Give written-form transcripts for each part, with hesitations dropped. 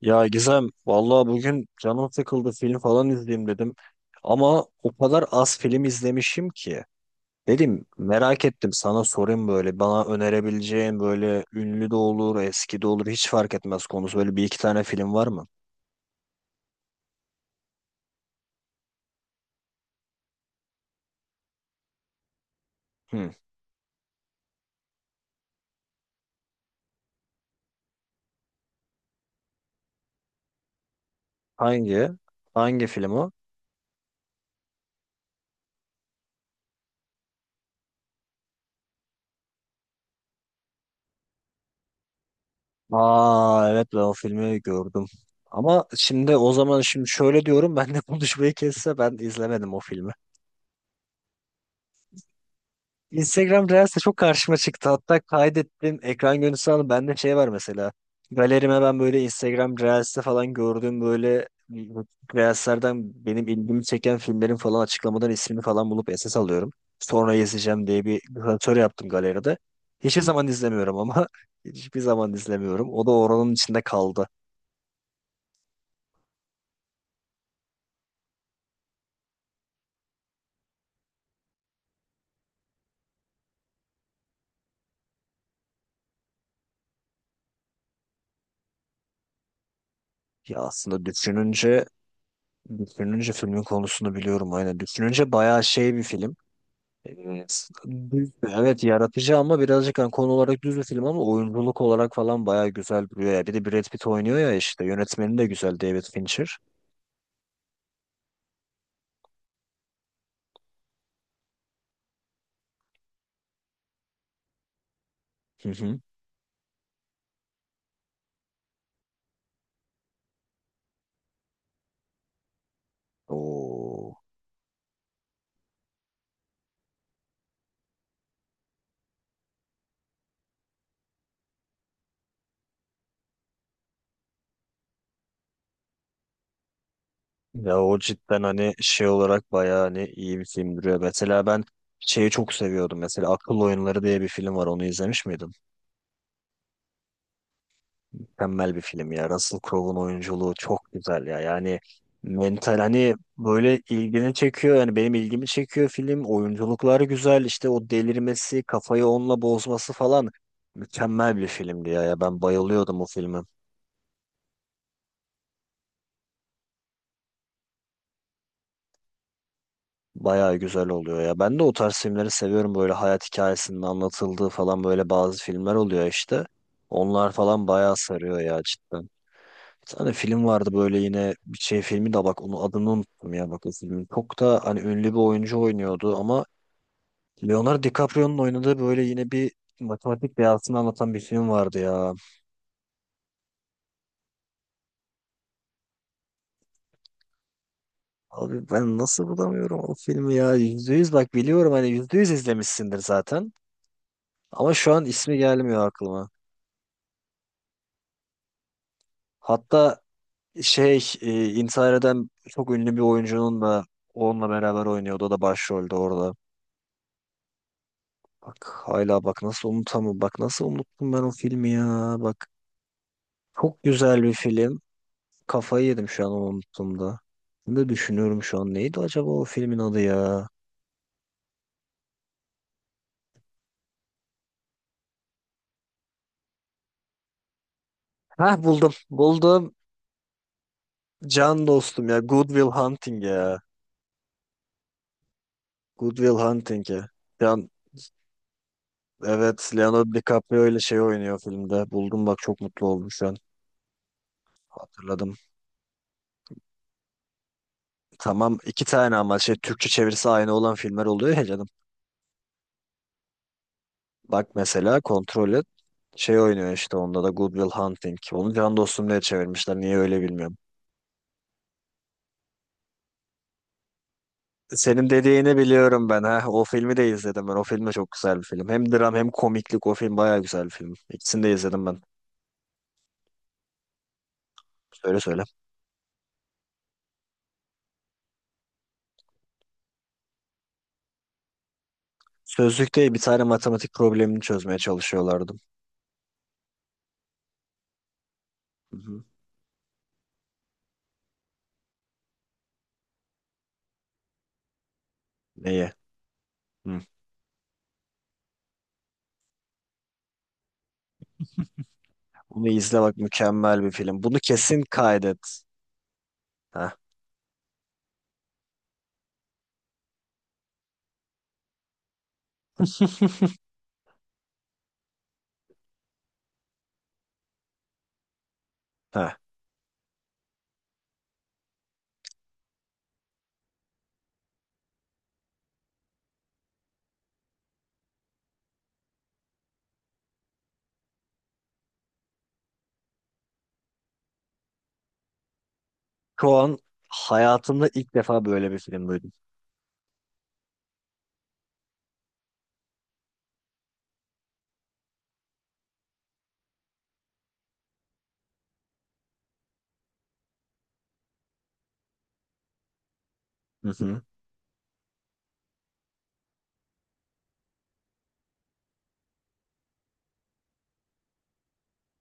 Ya Gizem, vallahi bugün canım sıkıldı, film falan izleyeyim dedim. Ama o kadar az film izlemişim ki. Dedim merak ettim, sana sorayım böyle bana önerebileceğin, böyle ünlü de olur eski de olur hiç fark etmez, konusu böyle bir iki tane film var mı? Hı. Hangi? Hangi film o? Aa evet, ben o filmi gördüm. Ama şimdi o zaman şimdi şöyle diyorum ben de konuşmayı kesse, ben izlemedim o filmi. Instagram Reels'te çok karşıma çıktı. Hatta kaydettim. Ekran görüntüsü aldım. Bende şey var mesela. Galerime ben böyle Instagram Reels'te falan gördüğüm böyle Reels'lerden benim ilgimi çeken filmlerin falan açıklamadan ismini falan bulup SS alıyorum. Sonra yazacağım diye bir klasör yaptım galeride. Hiçbir zaman izlemiyorum ama hiçbir zaman izlemiyorum. O da oranın içinde kaldı. Ya aslında düşününce filmin konusunu biliyorum aynen. Düşününce bayağı şey bir film. Evet, evet yaratıcı ama birazcık hani konu olarak düz bir film, ama oyunculuk olarak falan bayağı güzel duruyor ya. Bir de Brad Pitt oynuyor ya, işte yönetmeni de güzel, David Fincher. Hı hı. Oo. Ya o cidden hani şey olarak bayağı hani iyi bir film duruyor. Mesela ben şeyi çok seviyordum mesela, Akıl Oyunları diye bir film var, onu izlemiş miydin? Mükemmel bir film ya. Russell Crowe'un oyunculuğu çok güzel ya. Yani mental hani böyle ilgini çekiyor. Yani benim ilgimi çekiyor film. Oyunculukları güzel. İşte o delirmesi, kafayı onunla bozması falan. Mükemmel bir filmdi ya. Ya ben bayılıyordum o filme. Bayağı güzel oluyor ya. Ben de o tarz filmleri seviyorum. Böyle hayat hikayesinin anlatıldığı falan böyle bazı filmler oluyor işte. Onlar falan bayağı sarıyor ya cidden. Bir tane film vardı böyle, yine bir şey filmi de bak, onu adını unuttum ya bak o filmin. Çok da hani ünlü bir oyuncu oynuyordu ama Leonardo DiCaprio'nun oynadığı böyle yine bir matematik beyazını anlatan bir film vardı ya. Abi ben nasıl bulamıyorum o filmi ya. Yüzde yüz bak biliyorum, hani yüzde yüz izlemişsindir zaten. Ama şu an ismi gelmiyor aklıma. Hatta şey intihar eden çok ünlü bir oyuncunun da onunla beraber oynuyordu. O da başroldü orada. Bak hala bak nasıl unutamam. Bak nasıl unuttum ben o filmi ya. Bak, çok güzel bir film. Kafayı yedim şu an onu unuttuğumda. Ne düşünüyorum şu an. Neydi acaba o filmin adı ya? Hah, buldum. Buldum. Can dostum ya. Good Will Hunting ya. Good Will Hunting ya. Can evet, Leonardo DiCaprio ile şey oynuyor filmde. Buldum bak, çok mutlu oldum şu an. Hatırladım. Tamam iki tane, ama şey, Türkçe çevirisi aynı olan filmler oluyor ya canım. Bak mesela, kontrol et. Şey oynuyor işte onda da, Good Will Hunting. Onu Can Dostum diye çevirmişler. Niye öyle bilmiyorum. Senin dediğini biliyorum ben. Ha. O filmi de izledim ben. O film de çok güzel bir film. Hem dram hem komiklik. O film bayağı güzel bir film. İkisini de izledim ben. Söyle söyle. Sözlükte bir tane matematik problemini çözmeye çalışıyorlardı. Hı hı. Neyi? Hı. Bunu izle bak, mükemmel bir film. Bunu kesin kaydet. Ha. Ha. Şu an hayatımda ilk defa böyle bir film duydum. Hı hı.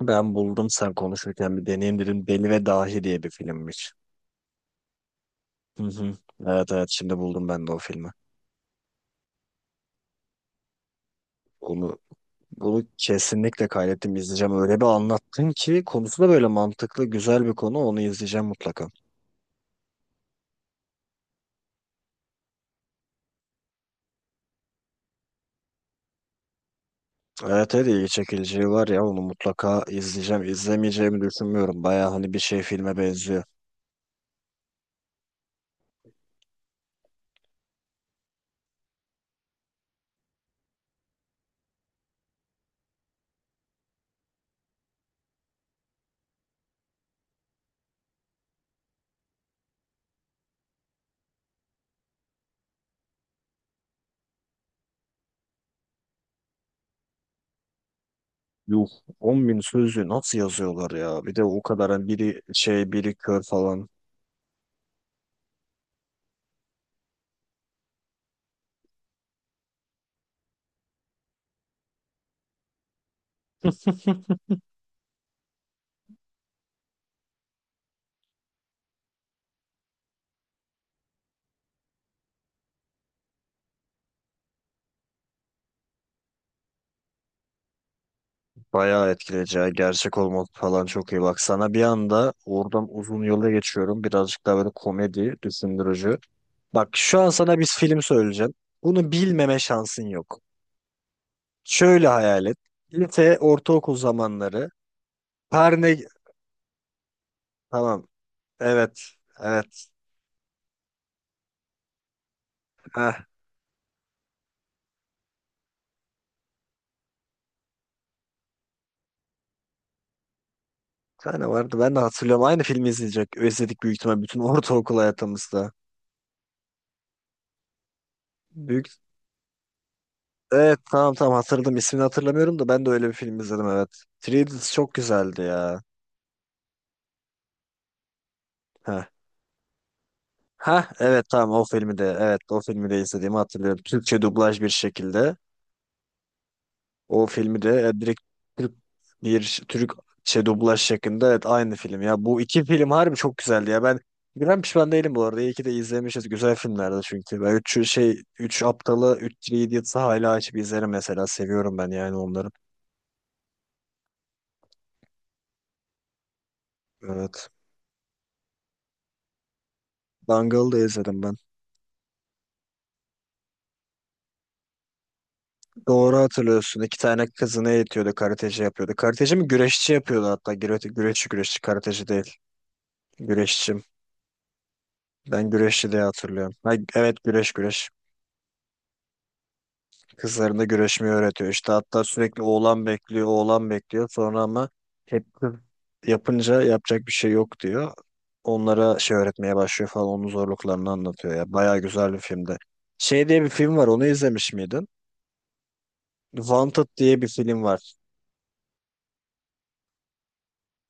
Ben buldum, sen konuşurken bir deneyim dedim. Deli ve Dahi diye bir filmmiş. Hı hı. Evet evet, şimdi buldum ben de o filmi. Bunu, bunu kesinlikle kaydettim, izleyeceğim. Öyle bir anlattın ki, konusu da böyle mantıklı güzel bir konu. Onu izleyeceğim mutlaka. Evet evet, ilgi çekiciliği var ya, onu mutlaka izleyeceğim. İzlemeyeceğimi düşünmüyorum. Baya hani bir şey filme benziyor. Yuh, on bin sözü nasıl yazıyorlar ya? Bir de o kadar hani, biri şey biri kör falan. Bayağı etkileyici ya. Gerçek olması falan çok iyi. Bak sana bir anda oradan uzun yola geçiyorum. Birazcık daha böyle komedi, düşündürücü. Bak şu an sana bir film söyleyeceğim. Bunu bilmeme şansın yok. Şöyle hayal et. Lise, ortaokul zamanları. Perne. Tamam. Evet. Evet. Heh. Bir tane vardı. Ben de hatırlıyorum. Aynı filmi izleyecek. Özledik büyük ihtimal bütün ortaokul hayatımızda. Büyük... Evet tamam tamam hatırladım. İsmini hatırlamıyorum da ben de öyle bir film izledim evet. Three Idiots çok güzeldi ya. Heh. Heh, evet tamam, o filmi de, evet o filmi de izlediğimi hatırlıyorum. Türkçe dublaj bir şekilde. O filmi de direkt Türk bir Türk şey dublaj şeklinde, evet aynı film ya. Bu iki film harbi çok güzeldi ya. Ben pişman değilim bu arada. İyi ki de izlemişiz. Güzel filmlerdi çünkü. Ben üç aptalı, 3 Idiots'ı hala açıp izlerim mesela. Seviyorum ben yani onları. Evet. Dangal'ı da izledim ben. Doğru hatırlıyorsun. İki tane kızını eğitiyordu. Karateci yapıyordu. Karateci mi? Güreşçi yapıyordu hatta. Güreşçi güreşçi. Karateci değil. Güreşçi. Ben güreşçi diye hatırlıyorum. Ha, evet, güreş güreş. Kızlarına güreşmeyi öğretiyor. İşte hatta sürekli oğlan bekliyor, oğlan bekliyor. Sonra ama hep kız yapınca, yapacak bir şey yok diyor. Onlara şey öğretmeye başlıyor falan. Onun zorluklarını anlatıyor ya. Bayağı güzel bir filmdi. Şey diye bir film var. Onu izlemiş miydin? Wanted diye bir film var.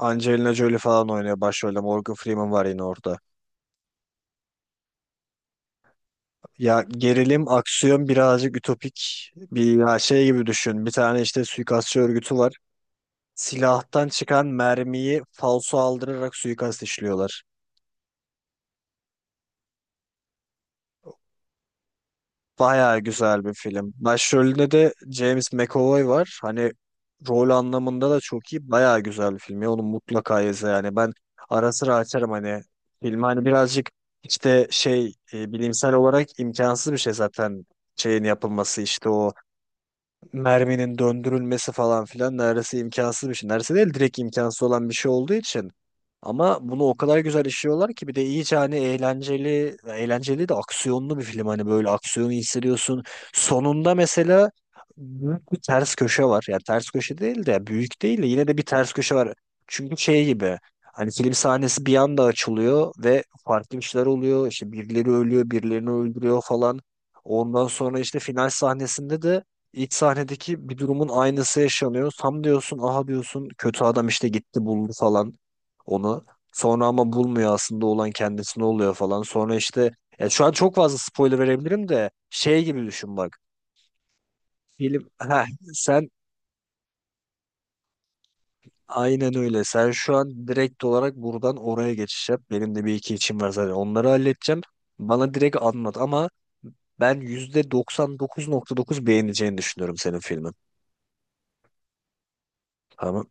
Angelina Jolie falan oynuyor başrolde. Morgan Freeman var yine orada. Ya gerilim, aksiyon, birazcık ütopik bir ya şey gibi düşün. Bir tane işte suikastçı örgütü var. Silahtan çıkan mermiyi falso aldırarak suikast işliyorlar. Bayağı güzel bir film. Başrolünde de James McAvoy var. Hani rol anlamında da çok iyi. Bayağı güzel bir film. Ya onu mutlaka izle yani. Ben ara sıra açarım hani filmi. Hani birazcık işte şey bilimsel olarak imkansız bir şey zaten, şeyin yapılması, işte o merminin döndürülmesi falan filan, neredeyse imkansız bir şey. Neredeyse değil, direkt imkansız olan bir şey olduğu için. Ama bunu o kadar güzel işliyorlar ki, bir de iyice hani eğlenceli, eğlenceli de aksiyonlu bir film. Hani böyle aksiyonu hissediyorsun. Sonunda mesela büyük bir ters köşe var. Yani ters köşe değil de, büyük değil de, yine de bir ters köşe var. Çünkü şey gibi, hani film sahnesi bir anda açılıyor ve farklı işler oluyor. İşte birileri ölüyor, birilerini öldürüyor falan. Ondan sonra işte final sahnesinde de İç sahnedeki bir durumun aynısı yaşanıyor. Tam diyorsun aha, diyorsun kötü adam işte gitti buldu falan onu. Sonra ama bulmuyor, aslında olan kendisine oluyor falan. Sonra işte, ya şu an çok fazla spoiler verebilirim de, şey gibi düşün bak. Film heh, sen aynen öyle. Sen şu an direkt olarak buradan oraya geçiş yap. Benim de bir iki içim var zaten. Onları halledeceğim. Bana direkt anlat ama ben %99.9 beğeneceğini düşünüyorum senin filmin. Tamam.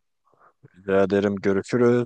Rica ederim. Görüşürüz.